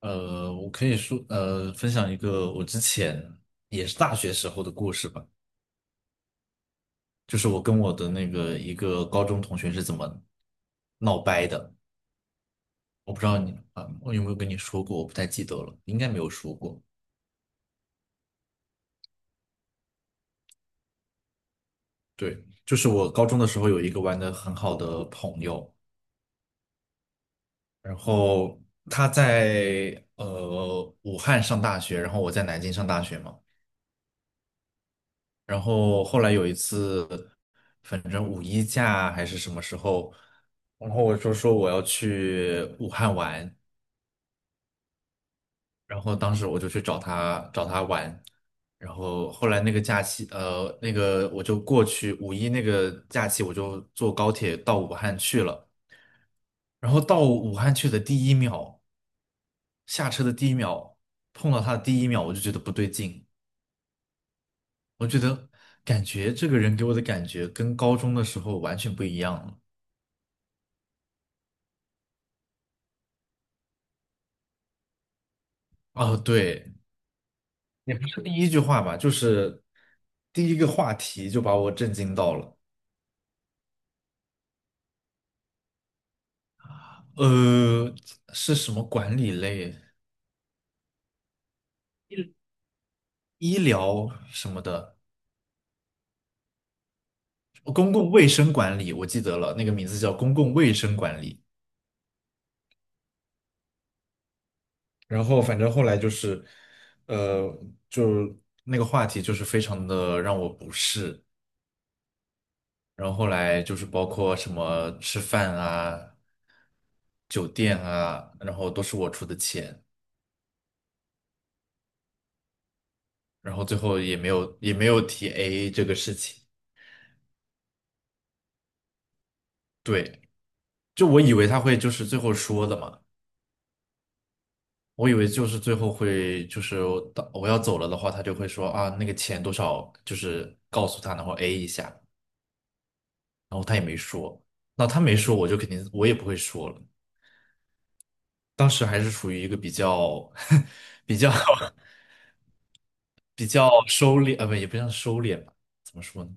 我可以说，分享一个我之前也是大学时候的故事吧，就是我跟我的一个高中同学是怎么闹掰的。我不知道你啊，我有没有跟你说过，我不太记得了，应该没有说过。对，就是我高中的时候有一个玩的很好的朋友，然后他在武汉上大学，然后我在南京上大学嘛。然后后来有一次，反正五一假还是什么时候，然后我就说我要去武汉玩，然后当时我就去找他玩，然后后来那个假期，那个我就过去五一那个假期，我就坐高铁到武汉去了，然后到武汉去的第一秒，下车的第一秒，碰到他的第一秒，我就觉得不对劲，我觉得感觉这个人给我的感觉跟高中的时候完全不一样了。哦，对，也不是第一句话吧，就是第一个话题就把我震惊到了。呃，是什么管理类？医疗什么的，哦，公共卫生管理，我记得了，那个名字叫公共卫生管理。然后反正后来就是，呃，就那个话题就是非常的让我不适。然后后来就是包括什么吃饭啊、酒店啊，然后都是我出的钱。然后最后也没有提 AA 这个事情。对，就我以为他会就是最后说的嘛，我以为就是最后会就是我要走了的话，他就会说啊那个钱多少，就是告诉他，然后 A 一下，然后他也没说，那他没说我就肯定我也不会说了。当时还是处于一个比较 比较 比较收敛，不也不像收敛吧，怎么说呢？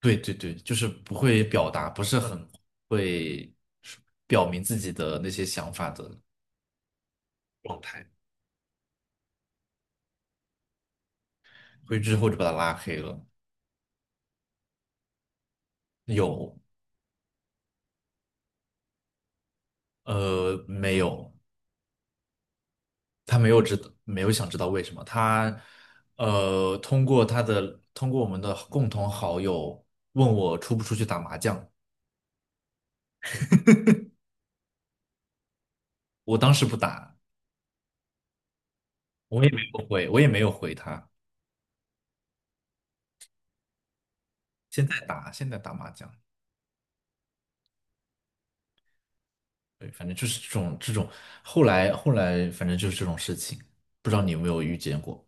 对对对，就是不会表达，不是很会表明自己的那些想法的状态，所以之后就把他拉黑了。有，没有，他没有知道，没有想知道为什么他，通过我们的共同好友问我出不出去打麻将，我当时不打，我也没有回他，现在打麻将。对，反正就是这种，后来反正就是这种事情，不知道你有没有遇见过？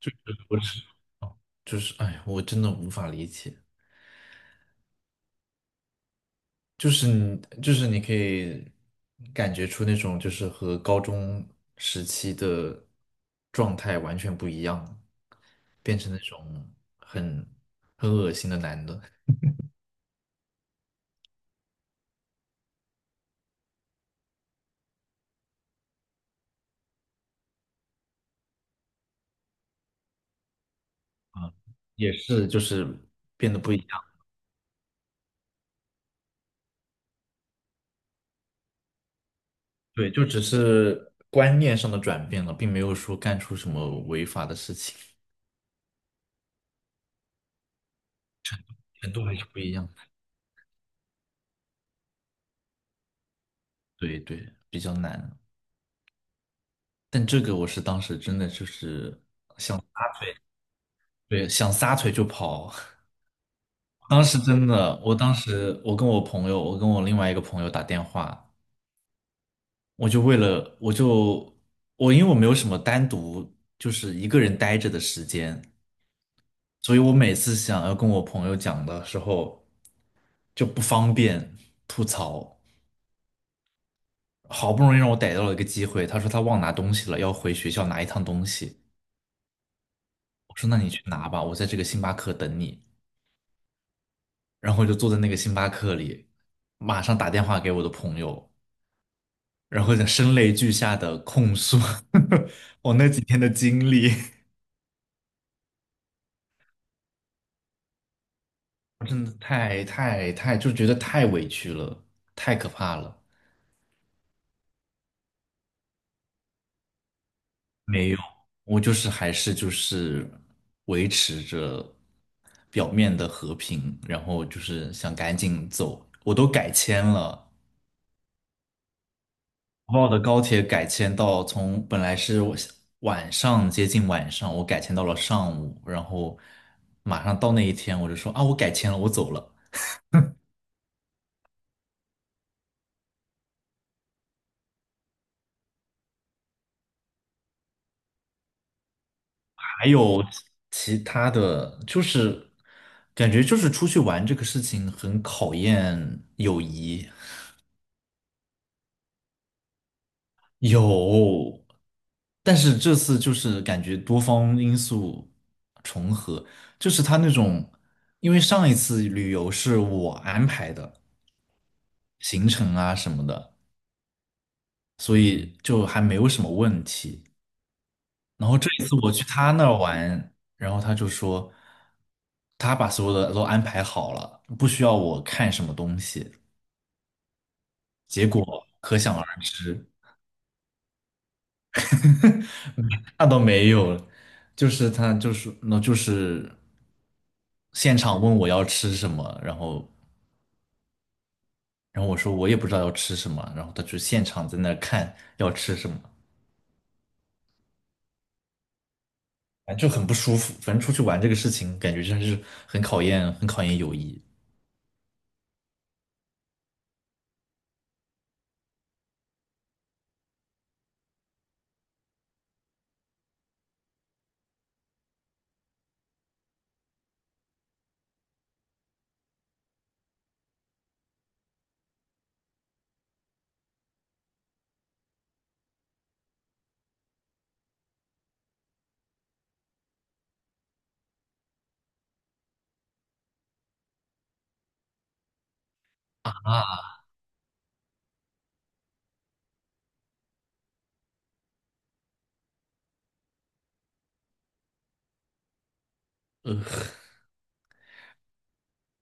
就是我是就是哎呀，我真的无法理解，就是你可以感觉出那种就是和高中时期的状态完全不一样，变成那种很很恶心的男的，也是就是变得不一样，对，就只是观念上的转变了，并没有说干出什么违法的事情，程度还是不一样。对对，比较难。但这个我是当时真的就是对，想撒腿就跑。当时真的，我当时我跟我朋友，我跟我另外一个朋友打电话，我就为了我就我因为我没有什么单独就是一个人待着的时间，所以我每次想要跟我朋友讲的时候就不方便吐槽。好不容易让我逮到了一个机会，他说他忘拿东西了，要回学校拿一趟东西。我说那你去拿吧，我在这个星巴克等你。然后就坐在那个星巴克里，马上打电话给我的朋友，然后就声泪俱下的控诉 我那几天的经历，我真的太太太就觉得太委屈了，太可怕了。没有，我就是还是就是维持着表面的和平，然后就是想赶紧走，我都改签了，国贸的高铁改签到从本来是我晚上接近晚上，我改签到了上午，然后马上到那一天，我就说啊，我改签了，我走了。还有其他的，就是感觉就是出去玩这个事情很考验友谊，有，但是这次就是感觉多方因素重合，就是他那种，因为上一次旅游是我安排的行程啊什么的。所以就还没有什么问题。然后这一次我去他那儿玩，然后他就说他把所有的都安排好了，不需要我看什么东西。结果可想而知，那倒没有，就是他就是那就是现场问我要吃什么，然后我说我也不知道要吃什么，然后他就现场在那儿看要吃什么。反正就很不舒服，反正出去玩这个事情，感觉真是很考验，很考验友谊。啊。呃，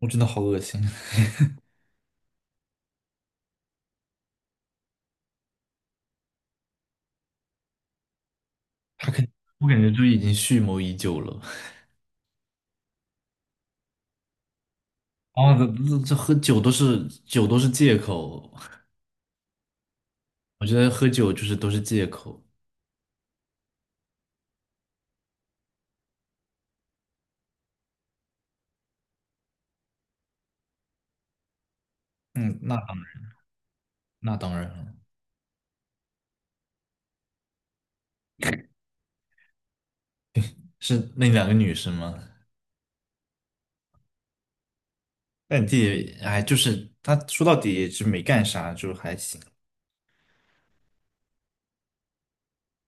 我真的好恶心。他肯，我感觉就已经蓄谋已久了。啊，这喝酒都是借口，我觉得喝酒就是都是借口。嗯，那当然了，是那两个女生吗？但你自己，哎，就是他说到底也是没干啥，就还行。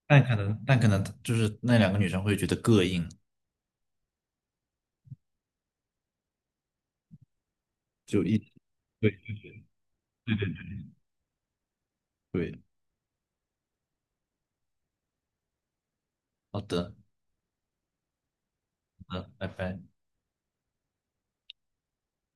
但可能，但可能就是那两个女生会觉得膈应，就一，对对对对，对，好的，好的，拜拜。